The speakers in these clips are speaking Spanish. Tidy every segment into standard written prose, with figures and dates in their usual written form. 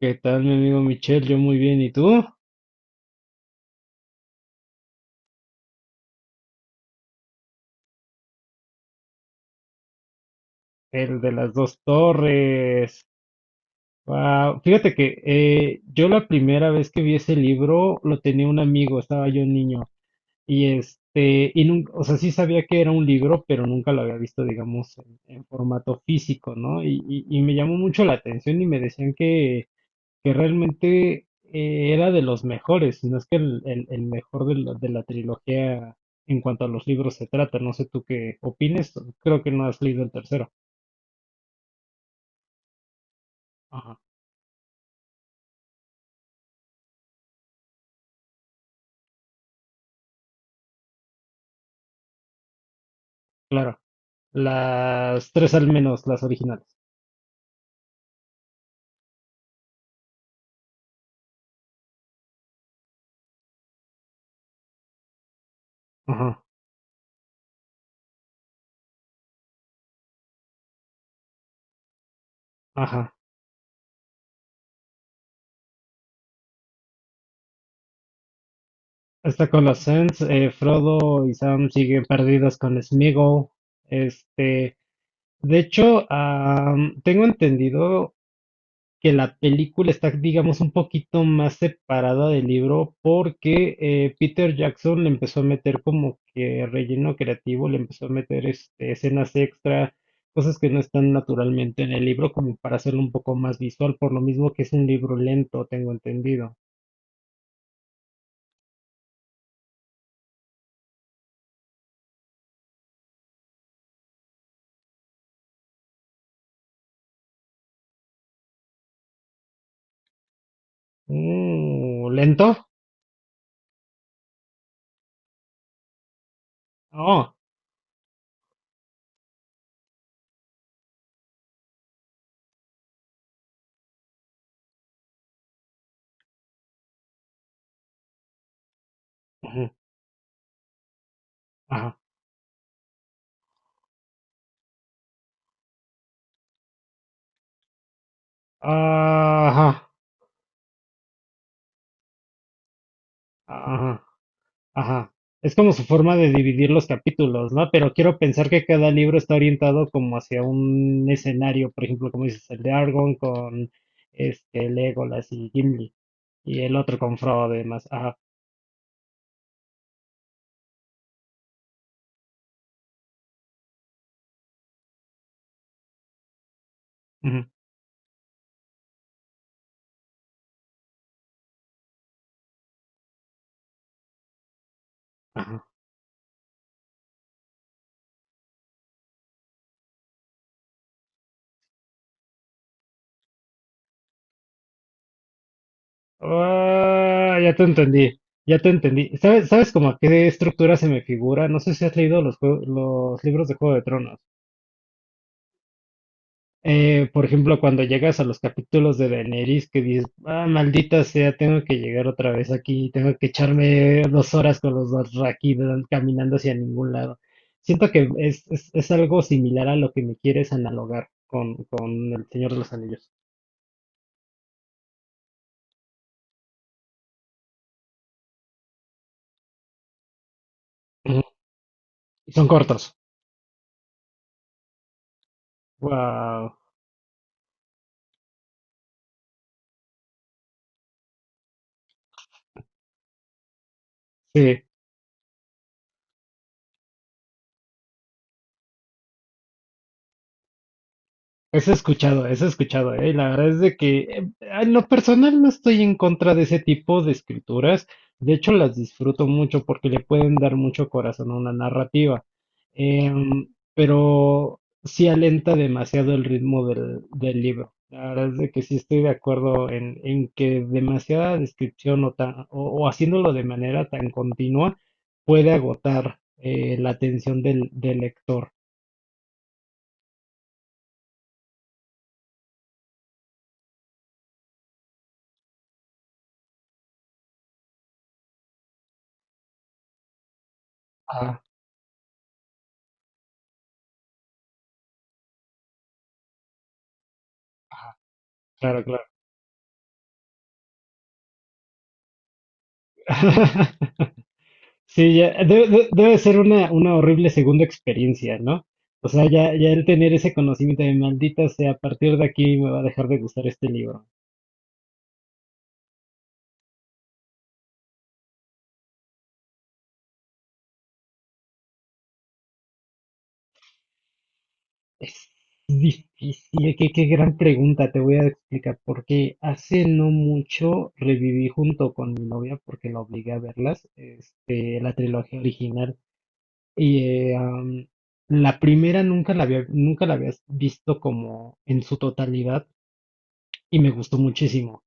¿Qué tal, mi amigo Michel? Yo muy bien, ¿y tú? El de las dos torres. Wow. Fíjate que yo la primera vez que vi ese libro lo tenía un amigo, estaba yo niño, y y nunca, o sea, sí sabía que era un libro, pero nunca lo había visto, digamos, en formato físico, ¿no? Y me llamó mucho la atención y me decían que realmente era de los mejores, si no es que el mejor de de la trilogía en cuanto a los libros se trata. No sé tú qué opines, creo que no has leído el tercero. Ajá, claro. Las tres al menos, las originales. Ajá, ajá. Está con los Ents, Frodo y Sam siguen perdidas con Sméagol. Este, de hecho, tengo entendido que la película está, digamos, un poquito más separada del libro porque Peter Jackson le empezó a meter como que relleno creativo, le empezó a meter escenas extra, cosas que no están naturalmente en el libro, como para hacerlo un poco más visual, por lo mismo que es un libro lento, tengo entendido. Mm, ¿lento? Oh, ujú, ajá, ajá, ajá, ajá. Es como su forma de dividir los capítulos, ¿no? Pero quiero pensar que cada libro está orientado como hacia un escenario, por ejemplo, como dices, el de Argon con este Legolas y Gimli, y el otro con Frodo y demás. Ajá. Ujú, ajá. Ah, ya te entendí. Ya te entendí. ¿Sabes, sabes como a qué estructura se me figura? No sé si has leído los libros de Juego de Tronos. Por ejemplo, cuando llegas a los capítulos de Daenerys que dices, ah, maldita sea, tengo que llegar otra vez aquí, tengo que echarme 2 horas con los Dothraki caminando hacia ningún lado. Siento que es algo similar a lo que me quieres analogar con El Señor de los Anillos. Ujú. Y son cortos. Wow. Sí. Eso he escuchado, ¿eh? La verdad es de que en lo personal no estoy en contra de ese tipo de escrituras. De hecho, las disfruto mucho porque le pueden dar mucho corazón a una narrativa. Em, pero sí alenta demasiado el ritmo del libro. La verdad es de que sí estoy de acuerdo en que demasiada descripción o haciéndolo de manera tan continua puede agotar la atención del lector. Ah, claro, claro. Sí, ya, debe ser una horrible segunda experiencia, ¿no? O sea, ya, ya el tener ese conocimiento de maldita sea, a partir de aquí me va a dejar de gustar este libro. Es difícil, qué, qué gran pregunta, te voy a explicar, porque hace no mucho reviví junto con mi novia, porque la obligué a verlas, este, la trilogía original, y la primera nunca la había, nunca la había visto como en su totalidad, y me gustó muchísimo.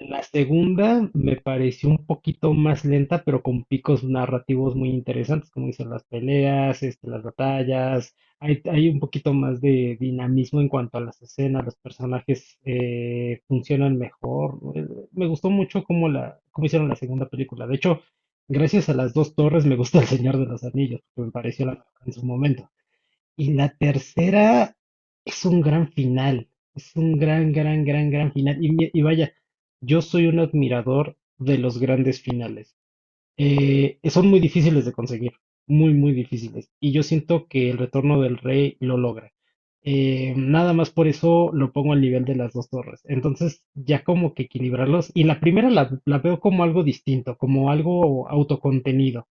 La segunda me pareció un poquito más lenta, pero con picos narrativos muy interesantes, como dicen las peleas, este, las batallas. Hay un poquito más de dinamismo en cuanto a las escenas, los personajes funcionan mejor. Me gustó mucho cómo, la, cómo hicieron la segunda película. De hecho, gracias a las dos torres me gusta El Señor de los Anillos, que me pareció la mejor en su momento. Y la tercera es un gran final, es un gran, gran, gran, gran final. Y, y vaya, yo soy un admirador de los grandes finales. Son muy difíciles de conseguir, muy, muy difíciles. Y yo siento que el retorno del rey lo logra. Nada más por eso lo pongo al nivel de las dos torres. Entonces, ya como que equilibrarlos. Y la primera la veo como algo distinto, como algo autocontenido.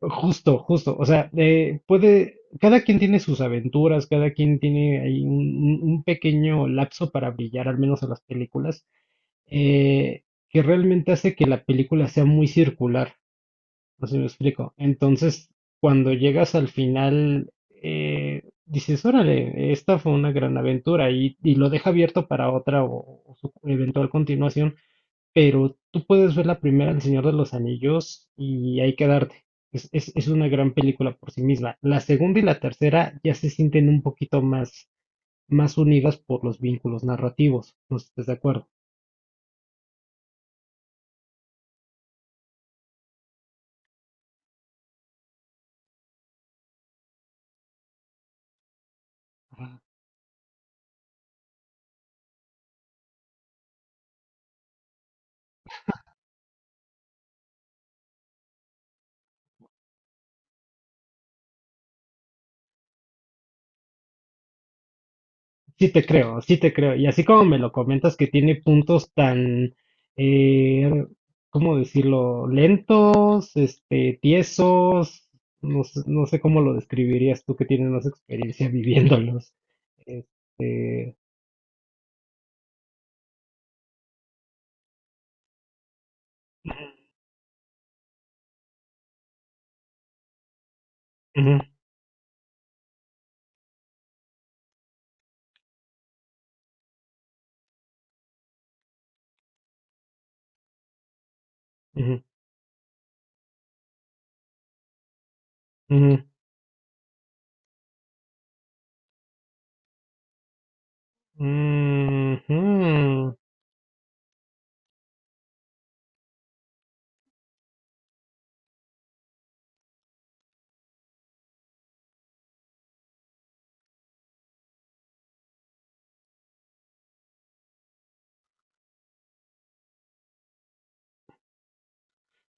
Justo, justo. O sea, puede, cada quien tiene sus aventuras, cada quien tiene ahí un pequeño lapso para brillar, al menos en las películas, eh, que realmente hace que la película sea muy circular, no sé si me explico. Entonces, cuando llegas al final, dices, órale, esta fue una gran aventura y lo deja abierto para otra o su eventual continuación, pero tú puedes ver la primera, El Señor de los Anillos, y ahí quedarte. Es una gran película por sí misma. La segunda y la tercera ya se sienten un poquito más, más unidas por los vínculos narrativos. No sé si estás de acuerdo. Ajá. Sí te creo, sí te creo. Y así como me lo comentas que tiene puntos tan, eh, ¿cómo decirlo? Lentos, este, tiesos, no sé cómo lo describirías tú que tienes más experiencia viviéndolos. Este, ujú, ujú, ujú, ujú.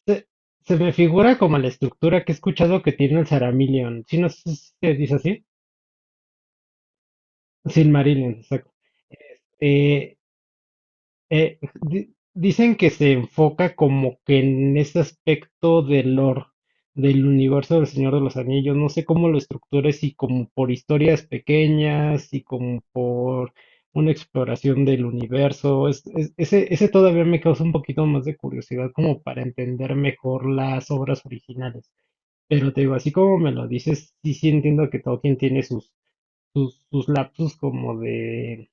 Se, se me figura como la estructura que he escuchado que tiene el Saramillion. Si no sé si se dice así. Silmarillion, exacto. Eh, dicen que se enfoca como que en ese aspecto del lore, del universo del Señor de los Anillos. No sé cómo lo estructura, si como por historias pequeñas, si como por una exploración del universo. Ese, ese todavía me causa un poquito más de curiosidad como para entender mejor las obras originales. Pero te digo, así como me lo dices, sí, sí entiendo que Tolkien tiene sus, sus, sus lapsus como de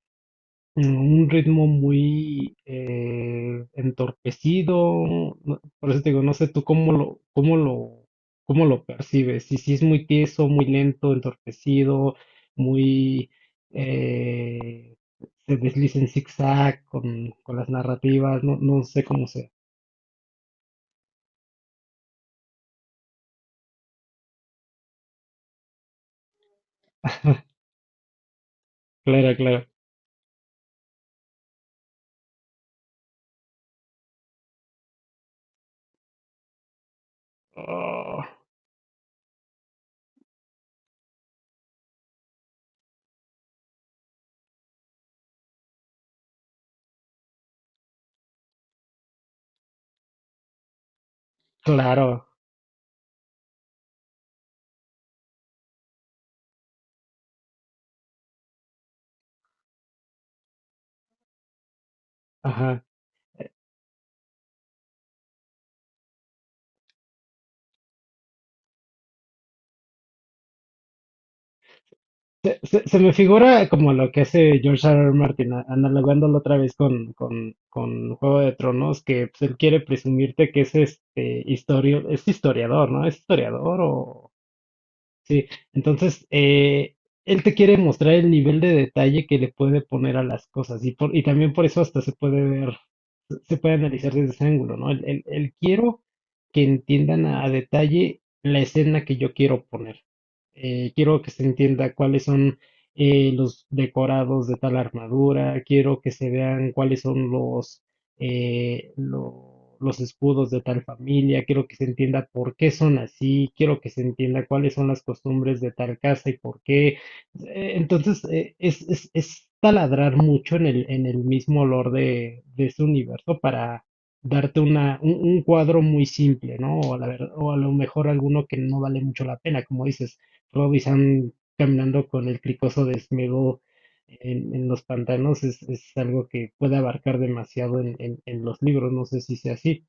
en un ritmo muy entorpecido. Por eso te digo, no sé tú cómo cómo lo percibes. Si, si es muy tieso, muy lento, entorpecido, muy eh, se desliza en zigzag con las narrativas, no, no sé cómo sea. Claro, claro. Oh, claro. Ajá. Se me figura como lo que hace George R. R. Martin, analogándolo otra vez con Juego de Tronos, que pues, él quiere presumirte que es este historio, es historiador, ¿no? Es historiador o sí. Entonces, él te quiere mostrar el nivel de detalle que le puede poner a las cosas, y por, y también por eso hasta se puede ver se puede analizar desde ese ángulo, ¿no? El quiero que entiendan a detalle la escena que yo quiero poner. Quiero que se entienda cuáles son los decorados de tal armadura, quiero que se vean cuáles son los, los escudos de tal familia, quiero que se entienda por qué son así, quiero que se entienda cuáles son las costumbres de tal casa y por qué, entonces, es taladrar mucho en el mismo olor de ese universo para darte una, un cuadro muy simple, ¿no? O a lo mejor alguno que no vale mucho la pena, como dices, Rob y Sam caminando con el cricoso desnudo en los pantanos es algo que puede abarcar demasiado en los libros, no sé si sea así.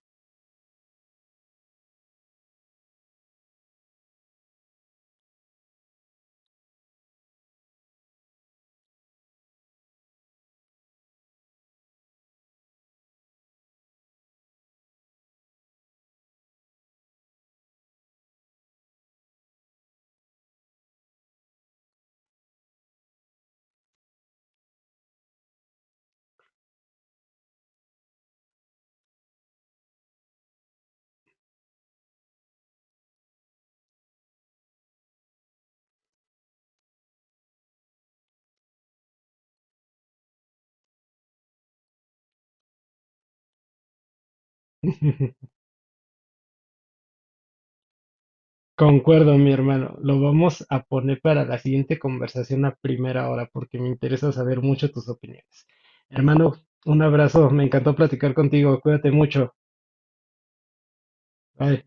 Concuerdo, mi hermano. Lo vamos a poner para la siguiente conversación a primera hora, porque me interesa saber mucho tus opiniones. Hermano, un abrazo. Me encantó platicar contigo. Cuídate mucho. Bye.